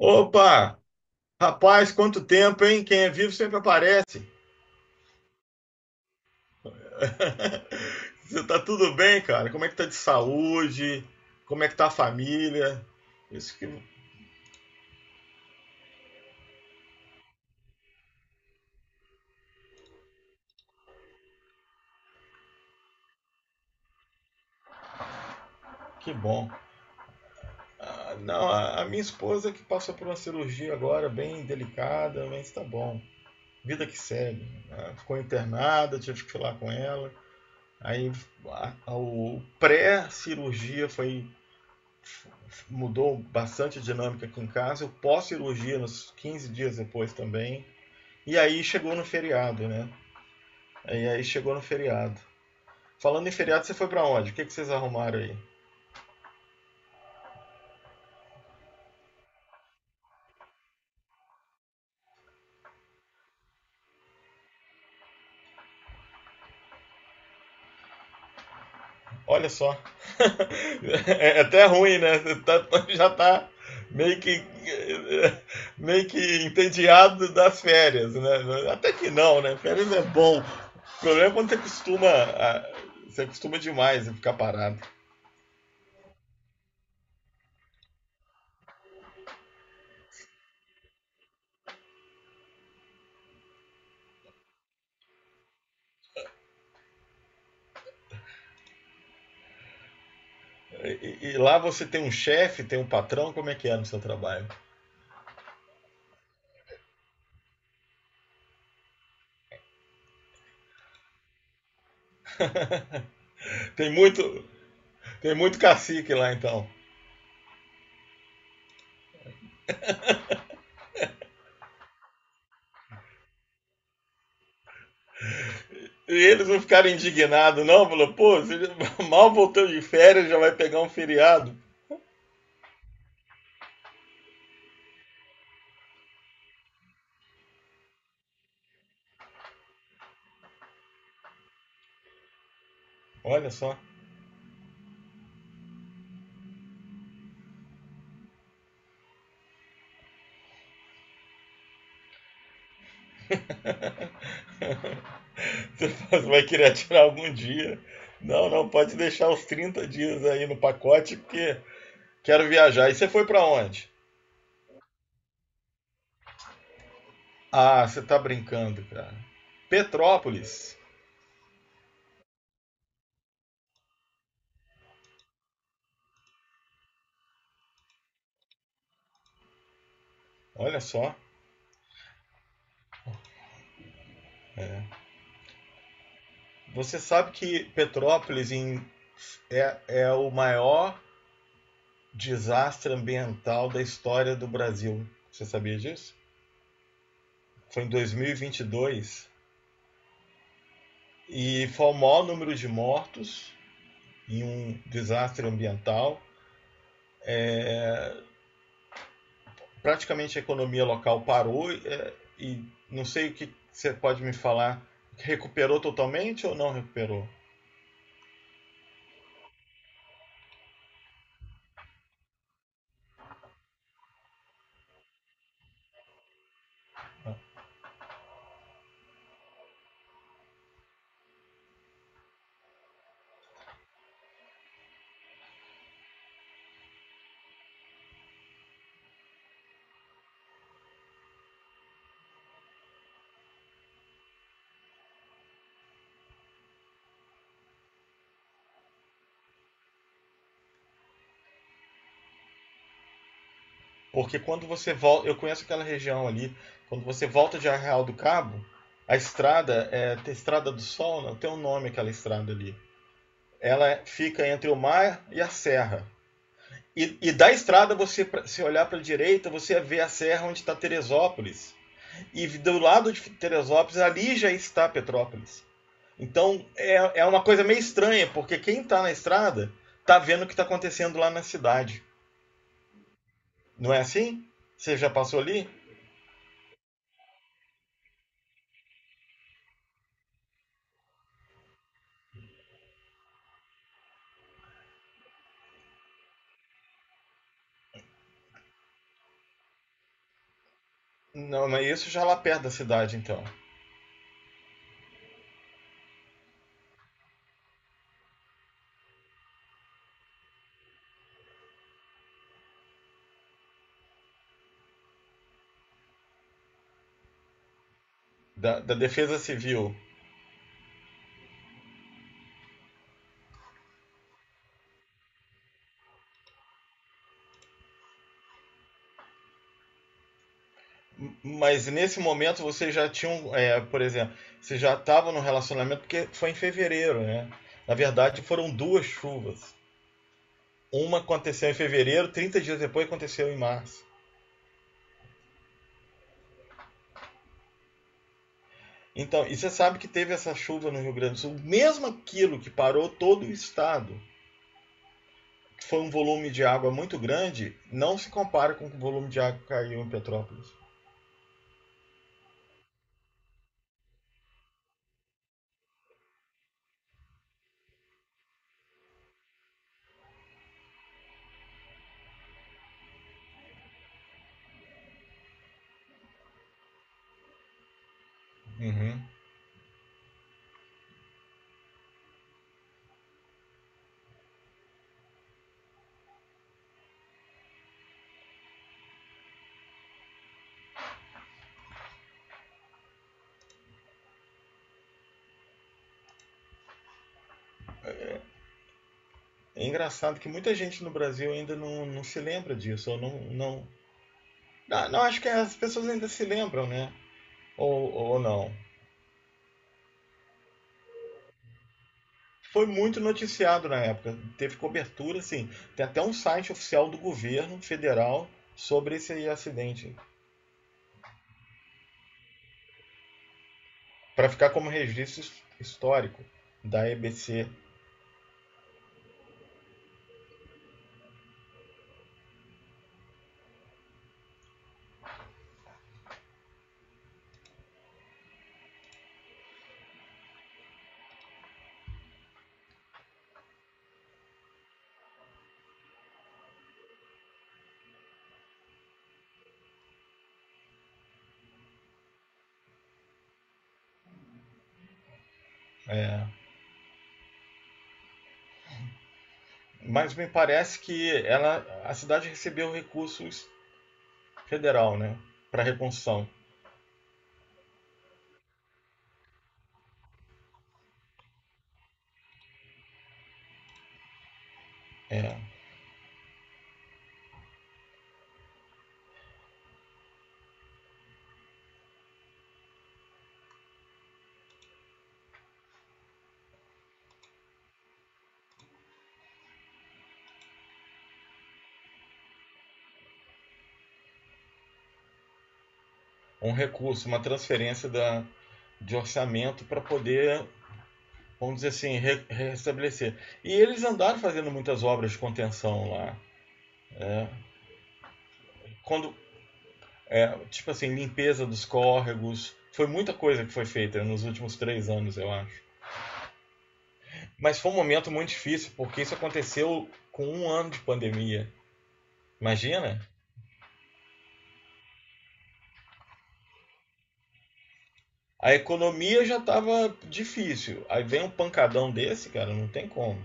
Opa! Rapaz, quanto tempo, hein? Quem é vivo sempre aparece. Você tá tudo bem, cara? Como é que tá de saúde? Como é que tá a família? Isso que, que bom. Ah, não, a minha esposa que passou por uma cirurgia agora, bem delicada, mas tá bom. Vida que segue. Ela ficou internada, tive que falar com ela. Aí o pré-cirurgia foi mudou bastante a dinâmica aqui em casa. Eu pós-cirurgia, nos 15 dias depois também. E aí chegou no feriado, né? E aí chegou no feriado. Falando em feriado, você foi para onde? O que, que vocês arrumaram aí? Olha só. É até ruim, né? Já tá meio que meio que entediado das férias, né? Até que não, né? Férias é bom. O problema é quando ah, você costuma demais a ficar parado. E lá você tem um chefe, tem um patrão, como é que é no seu trabalho? Tem muito, tem muito cacique lá então. E eles não ficaram indignados, não? Falou, pô, você mal voltou de férias, já vai pegar um feriado. Olha só. Você vai querer tirar algum dia. Não, não, pode deixar os 30 dias aí no pacote, porque quero viajar. E você foi para onde? Ah, você tá brincando, cara. Petrópolis. Olha só. Você sabe que Petrópolis é o maior desastre ambiental da história do Brasil. Você sabia disso? Foi em 2022 e 22 e foi o maior número de mortos em um desastre ambiental. Praticamente a economia local parou e não sei o que você pode me falar. Recuperou totalmente ou não recuperou? Porque quando você volta, eu conheço aquela região ali, quando você volta de Arraial do Cabo, a estrada, tem Estrada do Sol, não tem um nome aquela estrada ali. Ela fica entre o mar e a serra. E da estrada, você se olhar para a direita, você vê a serra onde está Teresópolis. E do lado de Teresópolis, ali já está Petrópolis. Então é uma coisa meio estranha, porque quem está na estrada está vendo o que está acontecendo lá na cidade. Não é assim? Você já passou ali? Não, não é isso já é lá perto da cidade, então. Da Defesa Civil. Mas nesse momento vocês já tinham, por exemplo, vocês já estavam no relacionamento porque foi em fevereiro, né? Na verdade, foram duas chuvas. Uma aconteceu em fevereiro, 30 dias depois aconteceu em março. Então, e você sabe que teve essa chuva no Rio Grande do Sul, mesmo aquilo que parou todo o estado, foi um volume de água muito grande, não se compara com o volume de água que caiu em Petrópolis. Uhum. É engraçado que muita gente no Brasil ainda não se lembra disso, ou não, não. Ah, não, acho que as pessoas ainda se lembram, né? Ou não. Foi muito noticiado na época. Teve cobertura, assim. Tem até um site oficial do governo federal sobre esse acidente. Para ficar como registro histórico da EBC. É. Mas me parece que ela, a cidade recebeu recursos federal, né? Para reconstrução. É. Um recurso, uma transferência de orçamento para poder vamos dizer assim, re restabelecer. E eles andaram fazendo muitas obras de contenção lá. Quando, tipo assim, limpeza dos córregos, foi muita coisa que foi feita nos últimos 3 anos, eu acho. Mas foi um momento muito difícil, porque isso aconteceu com um ano de pandemia. Imagina? A economia já estava difícil. Aí vem um pancadão desse, cara, não tem como.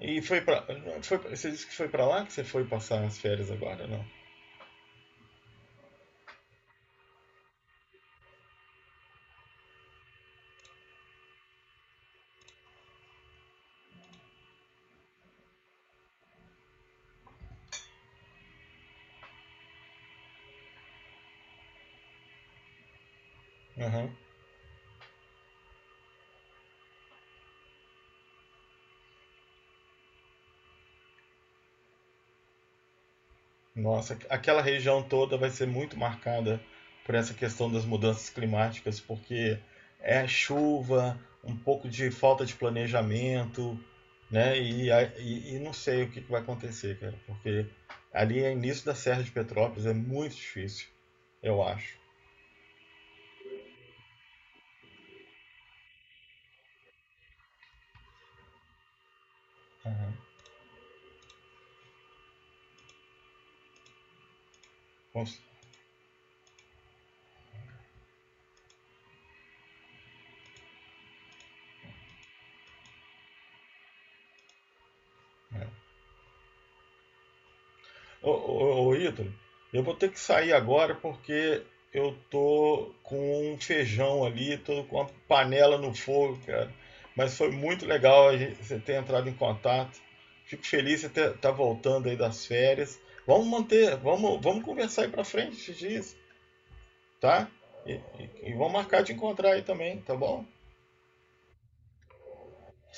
E foi pra. Foi, você disse que foi pra lá que você foi passar as férias agora, não? Uhum. Nossa, aquela região toda vai ser muito marcada por essa questão das mudanças climáticas, porque é chuva, um pouco de falta de planejamento, né? E não sei o que que vai acontecer, cara, porque ali é início da Serra de Petrópolis, é muito difícil, eu acho. Aham. Vamos- Ô, ô, ô Ítalo, eu vou ter que sair agora porque eu tô com um feijão ali, tô com uma panela no fogo, cara. Mas foi muito legal você ter entrado em contato. Fico feliz de você estar tá voltando aí das férias. Vamos conversar aí pra frente esses dias, tá? E vamos marcar de encontrar aí também, tá bom?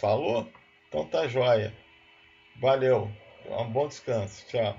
Falou? Então tá joia. Valeu. Um bom descanso. Tchau.